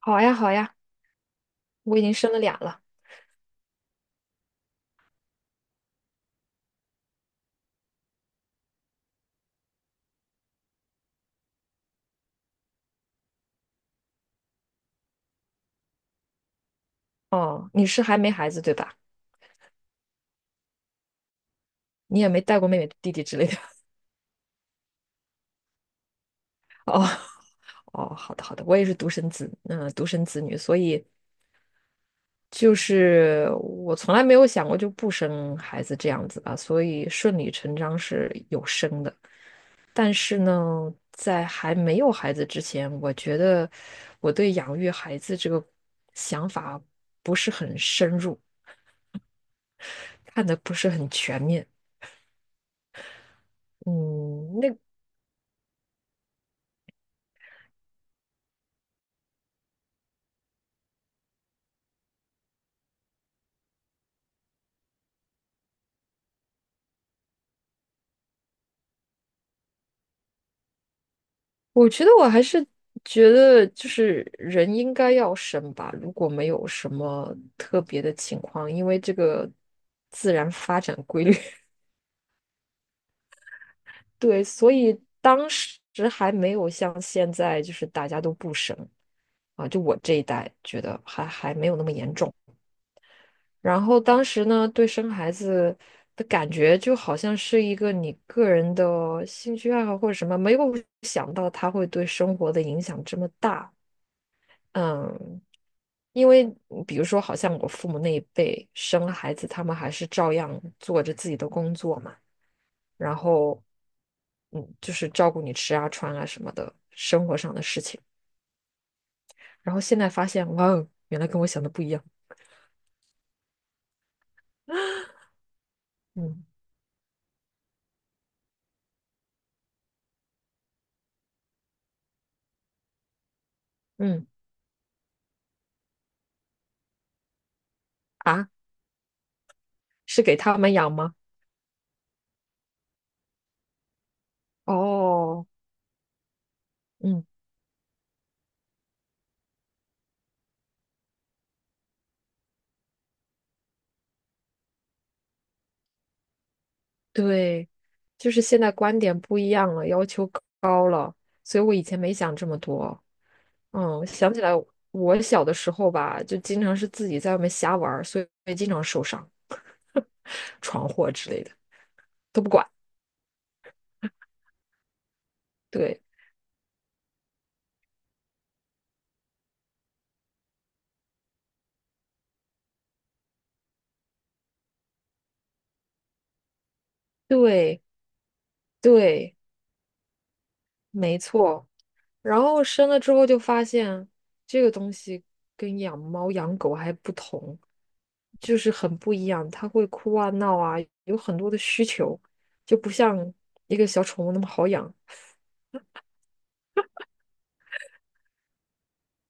好呀，好呀，我已经生了俩了。哦，你是还没孩子对吧？你也没带过妹妹、弟弟之类的。哦，哦，好的，好的，我也是独生子，独生子女，所以就是我从来没有想过就不生孩子这样子吧，所以顺理成章是有生的。但是呢，在还没有孩子之前，我觉得我对养育孩子这个想法不是很深入，看的不是很全面。嗯，那我觉得我还是觉得，就是人应该要生吧，如果没有什么特别的情况，因为这个自然发展规律，对，所以当时还没有像现在，就是大家都不生啊，就我这一代觉得还没有那么严重。然后当时呢，对生孩子的感觉就好像是一个你个人的兴趣爱好或者什么，没有想到它会对生活的影响这么大。嗯，因为比如说，好像我父母那一辈生了孩子，他们还是照样做着自己的工作嘛，然后，就是照顾你吃啊、穿啊什么的，生活上的事情。然后现在发现，哇哦，原来跟我想的不一样。嗯嗯。啊，是给他们养吗？哦，嗯，对，就是现在观点不一样了，要求高了，所以我以前没想这么多。想起来我小的时候吧，就经常是自己在外面瞎玩儿，所以经常受伤、闯祸之类的，都不管。对对对，没错。然后生了之后就发现，这个东西跟养猫养狗还不同，就是很不一样。它会哭啊、闹啊，有很多的需求，就不像一个小宠物那么好养。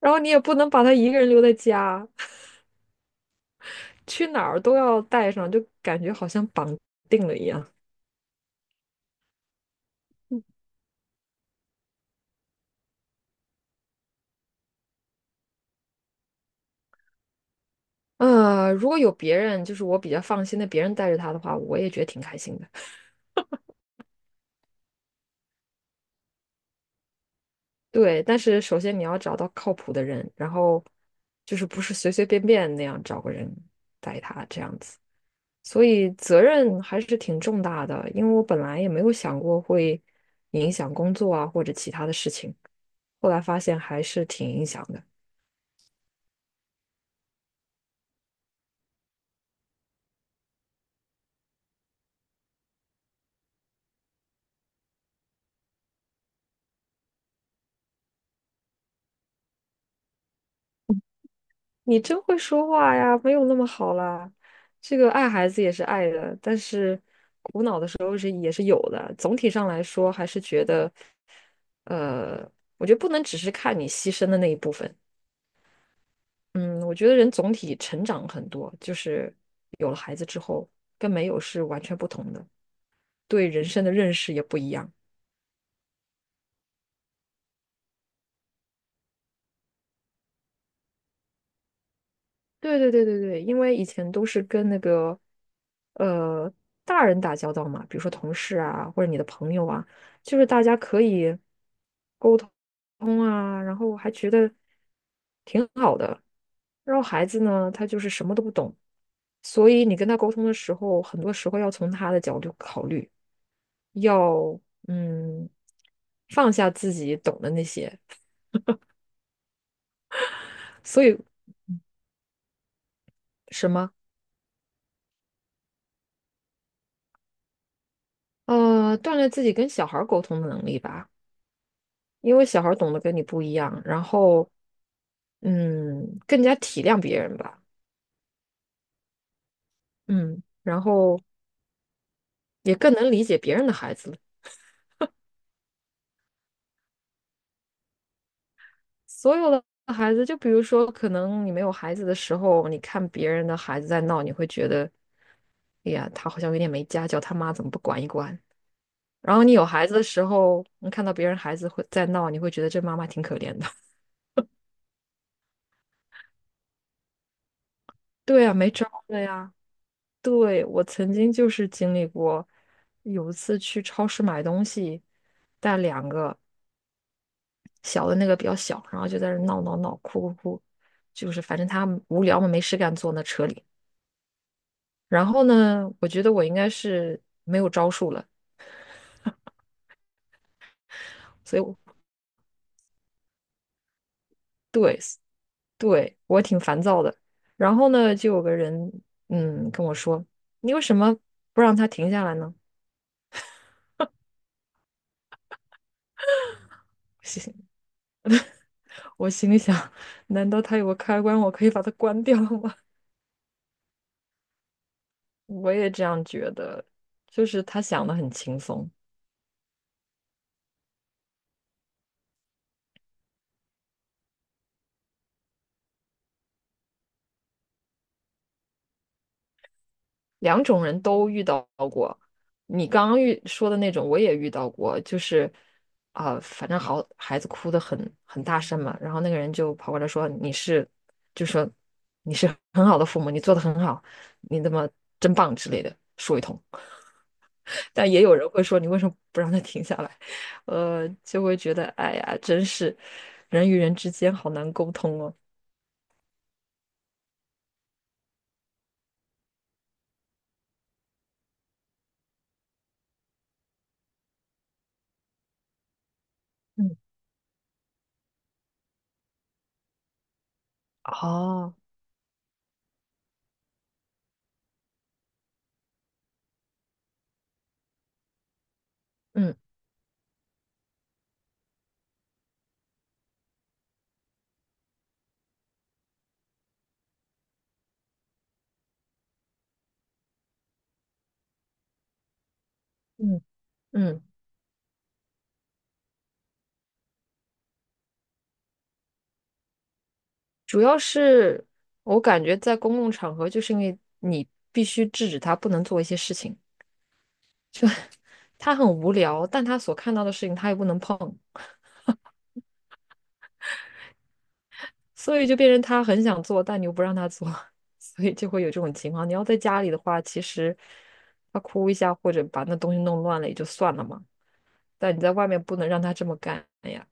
然后你也不能把它一个人留在家，去哪儿都要带上，就感觉好像绑定了一样。如果有别人，就是我比较放心的，别人带着他的话，我也觉得挺开心的。对，但是首先你要找到靠谱的人，然后就是不是随随便便那样找个人带他这样子，所以责任还是挺重大的。因为我本来也没有想过会影响工作啊或者其他的事情，后来发现还是挺影响的。你真会说话呀，没有那么好啦。这个爱孩子也是爱的，但是苦恼的时候是也是有的。总体上来说，还是觉得，呃，我觉得不能只是看你牺牲的那一部分。嗯，我觉得人总体成长很多，就是有了孩子之后，跟没有是完全不同的，对人生的认识也不一样。对对对对对，因为以前都是跟那个呃大人打交道嘛，比如说同事啊，或者你的朋友啊，就是大家可以沟通啊，然后还觉得挺好的。然后孩子呢，他就是什么都不懂，所以你跟他沟通的时候，很多时候要从他的角度考虑，要嗯放下自己懂的那些，所以什么，锻炼自己跟小孩儿沟通的能力吧。因为小孩儿懂得跟你不一样，然后更加体谅别人吧，嗯，然后也更能理解别人的孩子了。所有的孩子，就比如说，可能你没有孩子的时候，你看别人的孩子在闹，你会觉得，哎呀，他好像有点没家教，他妈怎么不管一管？然后你有孩子的时候，你看到别人孩子会在闹，你会觉得这妈妈挺可怜的。对啊，没招儿的呀。对，我曾经就是经历过，有一次去超市买东西，带两个小的那个比较小，然后就在那儿闹闹闹、哭哭哭，就是反正他们无聊嘛，没事干坐那车里。然后呢，我觉得我应该是没有招数了，所以我，对，对，我挺烦躁的。然后呢，就有个人跟我说：“你为什么不让他停下来呢？”心 我心里想，难道他有个开关，我可以把它关掉吗？我也这样觉得，就是他想的很轻松。两种人都遇到过，你刚刚说的那种我也遇到过，就是啊、反正好孩子哭的很大声嘛，然后那个人就跑过来说你是，就说你是很好的父母，你做的很好，你那么真棒之类的说一通。但也有人会说你为什么不让他停下来？就会觉得哎呀，真是人与人之间好难沟通哦。嗯，哦，嗯。嗯，嗯，主要是我感觉在公共场合，就是因为你必须制止他不能做一些事情，他很无聊，但他所看到的事情他又不能碰，所以就变成他很想做，但你又不让他做，所以就会有这种情况。你要在家里的话，其实他哭一下或者把那东西弄乱了也就算了嘛，但你在外面不能让他这么干呀。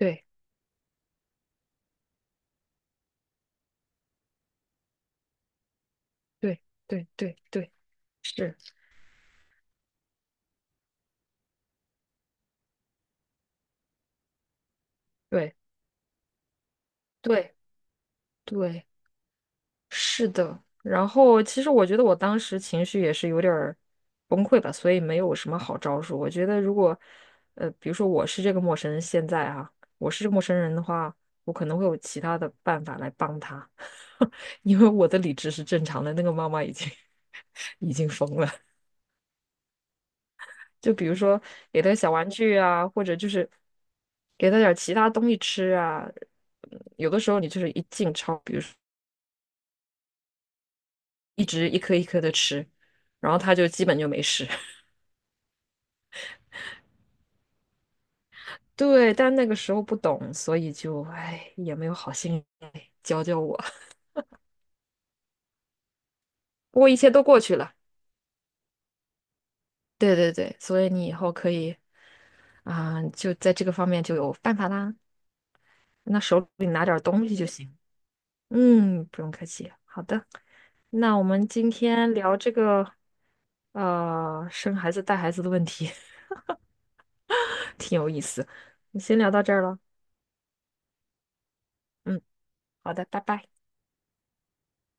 对对对对对，是，对对对。是的，然后其实我觉得我当时情绪也是有点儿崩溃吧，所以没有什么好招数。我觉得如果，比如说我是这个陌生人，现在啊，我是这个陌生人的话，我可能会有其他的办法来帮他，因为我的理智是正常的，那个妈妈已经 已经疯了。就比如说给他小玩具啊，或者就是给他点儿其他东西吃啊。嗯有的时候你就是一进超，比如说，一直一颗一颗的吃，然后他就基本就没事。对，但那个时候不懂，所以就哎也没有好心来教教我。不过一切都过去了。对对对，所以你以后可以啊、就在这个方面就有办法啦。那手里拿点东西就行。嗯，不用客气。好的，那我们今天聊这个生孩子带孩子的问题，挺有意思。你先聊到这儿了。嗯，好的，拜拜。